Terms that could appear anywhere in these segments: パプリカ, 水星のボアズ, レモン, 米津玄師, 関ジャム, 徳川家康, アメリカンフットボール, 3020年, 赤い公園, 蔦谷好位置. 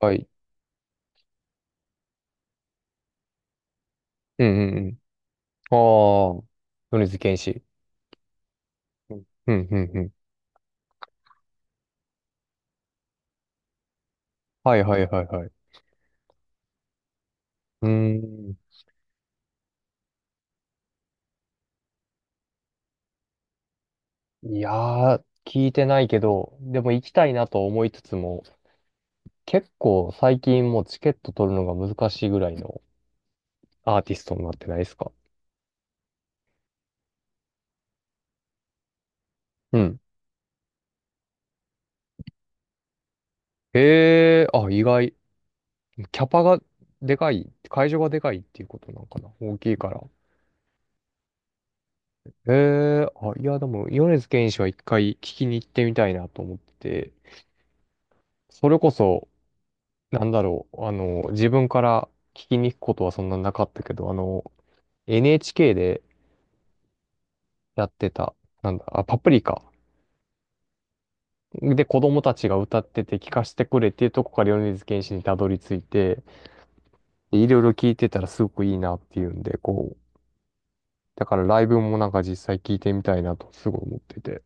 はい。うんうんうん。ああ、米津玄師。うんうんうんうん。はいはいはいはい。うーん。いやー、聞いてないけど、でも行きたいなと思いつつも、結構最近もうチケット取るのが難しいぐらいのアーティストになってないですか？うん。へえ、あ、意外。キャパがでかい、会場がでかいっていうことなんかな。大きいから。へえ、あ、いや、でも、米津玄師は一回聞きに行ってみたいなと思ってて、それこそ、なんだろう、あの、自分から聞きに行くことはそんななかったけど、あの、NHK でやってた、なんだ、あ、パプリカ。で、子供たちが歌ってて聞かせてくれっていうとこから米津玄師にたどり着いて、でいろいろ聞いてたらすごくいいなっていうんで、こう、だからライブもなんか実際聞いてみたいなとすごい思ってて。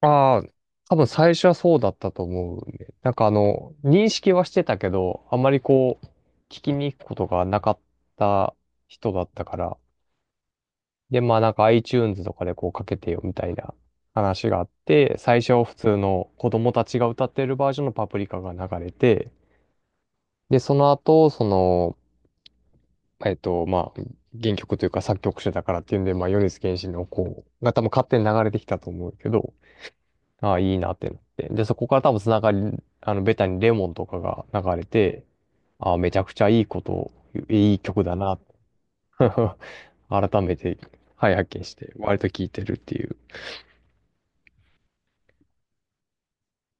ああ、多分最初はそうだったと思うね。なんかあの、認識はしてたけど、あんまりこう、聞きに行くことがなかった人だったから。で、まあなんか iTunes とかでこうかけてよみたいな話があって、最初は普通の子供たちが歌ってるバージョンのパプリカが流れて、で、その後、その、まあ、原曲というか作曲者だからっていうんで、まあ、米津玄師のこうが多分勝手に流れてきたと思うけど、ああ、いいなってなって。で、そこから多分つながり、あの、ベタにレモンとかが流れて、ああ、めちゃくちゃいいこと、いい曲だな、改めて、はい、発見して、割と聴いてるっていう。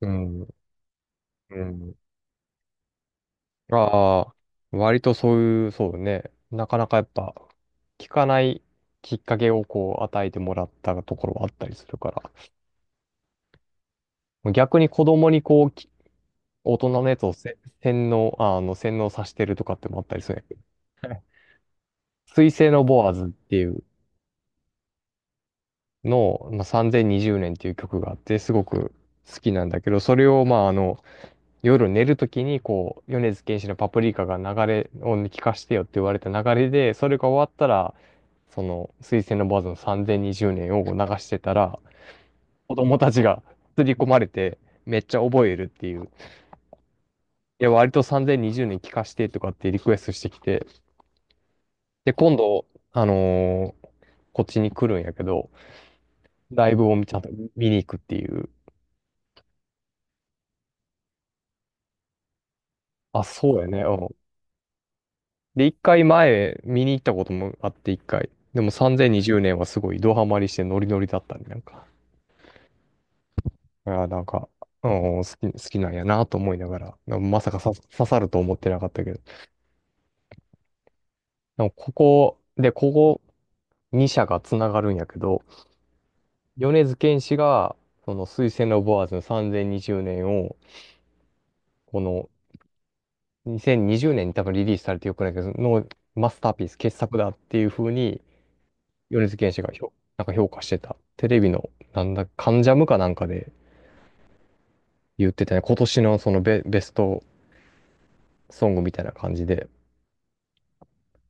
うん。うん。ああ、割とそういう、そうね。なかなかやっぱ、聞かないきっかけをこう与えてもらったところはあったりするから。逆に子供にこう、大人のやつを洗脳、洗脳させてるとかってのもあったりするんやけど。水星のボアズっていうのを、まあ、3020年っていう曲があって、すごく好きなんだけど、それを、まあ、あの、夜寝るときに、こう、米津玄師のパプリカが流れを聞かしてよって言われた流れで、それが終わったら、その、水星のボアズの3020年を流してたら、子供たちが刷り込まれて、めっちゃ覚えるっていう。いや、割と3020年聞かしてとかってリクエストしてきて、で、今度、あのーこっちに来るんやけど、ライブをちゃんと見に行くっていう。あ、そうやね。うん。で、一回前見に行ったこともあって一回。でも3020年はすごいドハマりしてノリノリだったんなんか。いや、なんか、うん、好きなんやなと思いながら、なまさかさ刺さると思ってなかったけど。でもここ、で、ここ2社がつながるんやけど、米津玄師が、その水星のボアーズの3020年を、この2020年にじゅうねんに多分リリースされてよくないけど、のマスターピース、傑作だっていう風に、米津玄師がなんか評価してた、テレビの、なんだ、関ジャムかなんかで言ってたね。今年のそのベストソングみたいな感じで、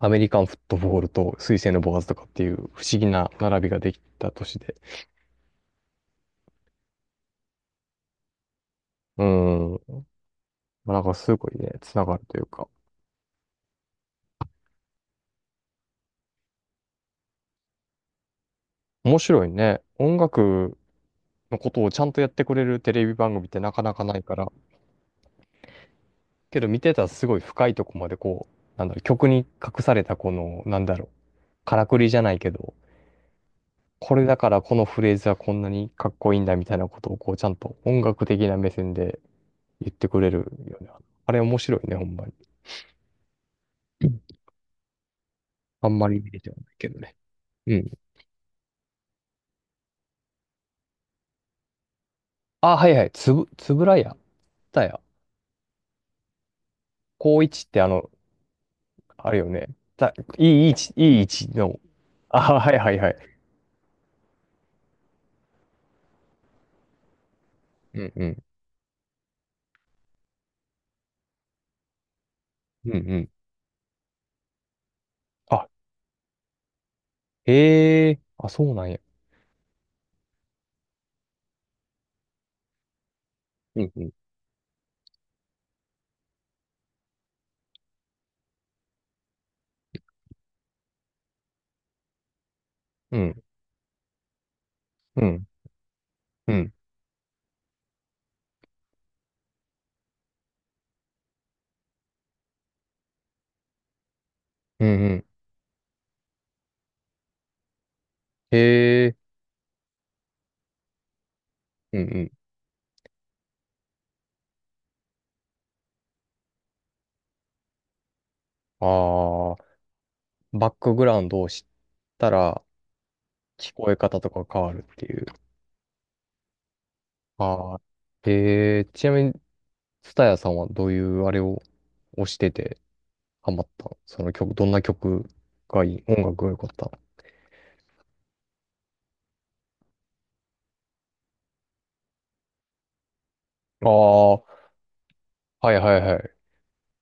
アメリカンフットボールと水星のボーズとかっていう不思議な並びができた年で、うーん、まあなんかすごいね、つながるというか、面白いね。音楽のことをちゃんとやってくれるテレビ番組ってなかなかないから、けど見てたらすごい深いとこまでこう、なんだろう、曲に隠されたこの、なんだろう、からくりじゃないけど、これだからこのフレーズはこんなにかっこいいんだみたいなことをこうちゃんと音楽的な目線で言ってくれるよね。あれ面白いね、ほんまに。うん、あんまり見れてはないけどね。うん。あ、はいはい。つぶらや。たや。高一ってあの、あれよね。た、いい位置、いい位置の。あ、はいはいはい。うんうん。うんうん。あ、へえ。あ、そうなんや。うんうん。うん。うん。うん。うんうん。へえ。うんうん。ああ、バックグラウンドを知ったら、聞こえ方とか変わるっていう。はい。えー、ちなみに、ツタヤさんはどういうあれを推しててハマったのその曲、どんな曲がいい音楽が良かった？ああー、はいはいはい。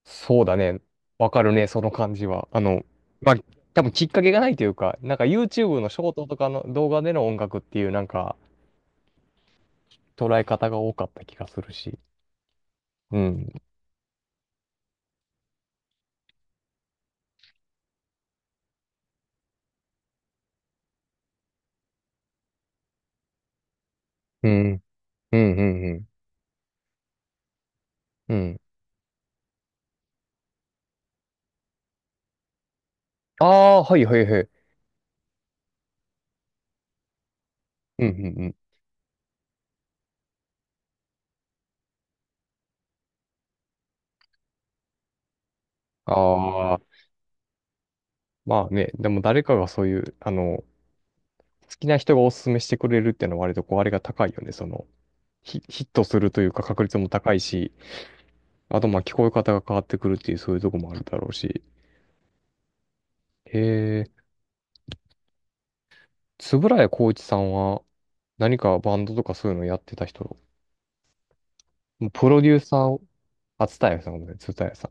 そうだね。わかるね、その感じは。あの、まあ、多分きっかけがないというか、なんか YouTube のショートとかの動画での音楽っていうなんか捉え方が多かった気がするし。うん。うん。うんうんうん。うん。ああ、はいはいはい。うんうんうん。ああ。まあね、でも誰かがそういう、あの、好きな人がおすすめしてくれるっていうのは割とこう、あれが高いよね。その、ヒットするというか確率も高いし、あとまあ聞こえ方が変わってくるっていうそういうとこもあるだろうし。へえ、円谷浩一さんは何かバンドとかそういうのやってた人、もうプロデューサーを、あ、蔦谷さんごめんなさい、蔦谷さ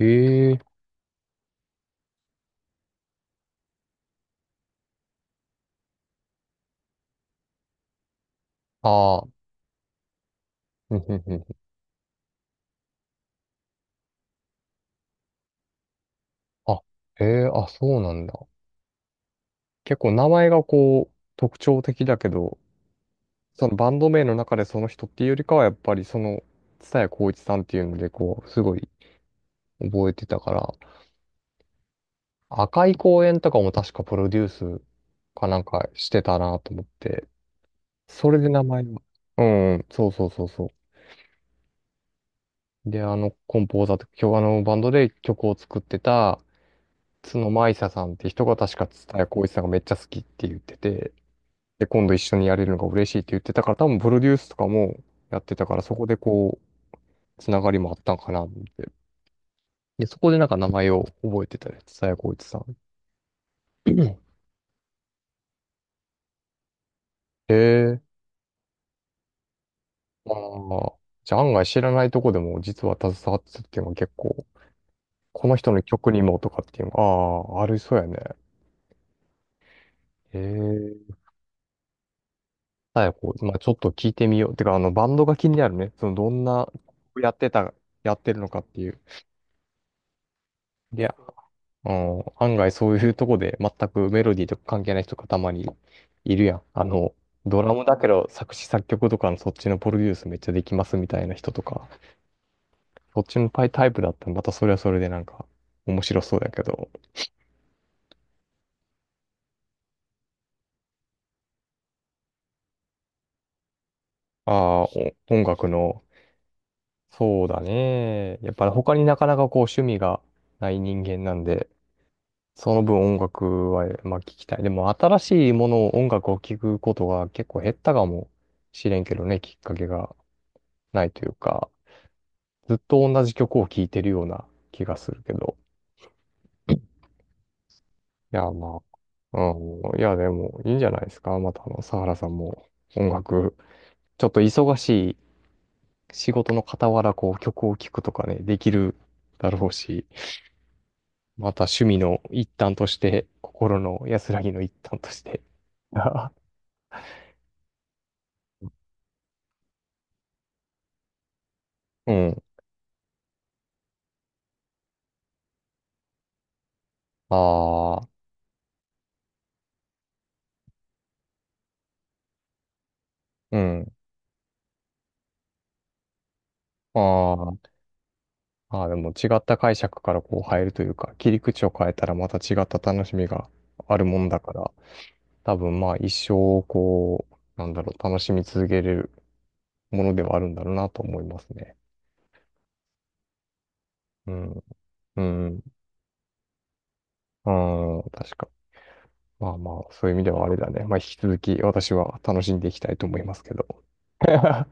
ん。へえ、ああ、うんうんうんうん。あ、へえ、あ、そうなんだ。結構名前がこう、特徴的だけど、そのバンド名の中でその人っていうよりかは、やっぱりその、蔦谷好位置さんっていうので、こう、すごい覚えてたから、赤い公園とかも確かプロデュースかなんかしてたなと思って、それで名前が。うんうん、そうそうそうそう。で、あの、コンポーザーと、今日あの、バンドで曲を作ってた、角舞沙さんって人が確か蔦谷好位置さんがめっちゃ好きって言ってて、で、今度一緒にやれるのが嬉しいって言ってたから、多分プロデュースとかもやってたから、そこでこう、つながりもあったんかなって。で、そこでなんか名前を覚えてたりさやこいつさん。へえ。まあ。じゃあ案外知らないとこでも実は携わってたっていうのは結構、この人の曲にもとかっていうのが、ああ、ありそうやね。へえ。佐こいまあちょっと聞いてみよう。てか、あの、バンドが気になるね。その、どんな曲やってた、やってるのかっていう。いや、うん、案外そういうとこで全くメロディーとか関係ない人がたまにいるやん。あの、ドラムだけど作詞作曲とかのそっちのプロデュースめっちゃできますみたいな人とか。そっちのタイプだったらまたそれはそれでなんか面白そうだけど。ああ、お音楽の、そうだね。やっぱり他になかなかこう趣味がない人間なんで、その分音楽はまあ聞きたい。でも新しいものを音楽を聞くことが結構減ったかもしれんけどね、きっかけがないというか、ずっと同じ曲を聴いてるような気がするけど。いや、まあ、うん、いや、でもいいんじゃないですか。またあの、サハラさんも音楽、ちょっと忙しい仕事の傍らこう曲を聴くとかね、できるだろうし、また趣味の一端として、心の安らぎの一端として。うん。ああ、うん。ああ、ああ、でも違った解釈からこう入るというか、切り口を変えたらまた違った楽しみがあるもんだから、多分まあ一生こう、なんだろう、楽しみ続けれるものではあるんだろうなと思いますね。うん。うん。うん。確かに。まあまあ、そういう意味ではあれだね。まあ、引き続き私は楽しんでいきたいと思いますけど。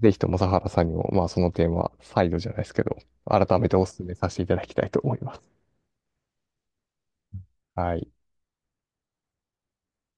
ぜひとも、佐原さんにも、まあ、その点は再度じゃないですけど、改めてお勧めさせていただきたいと思います。はい。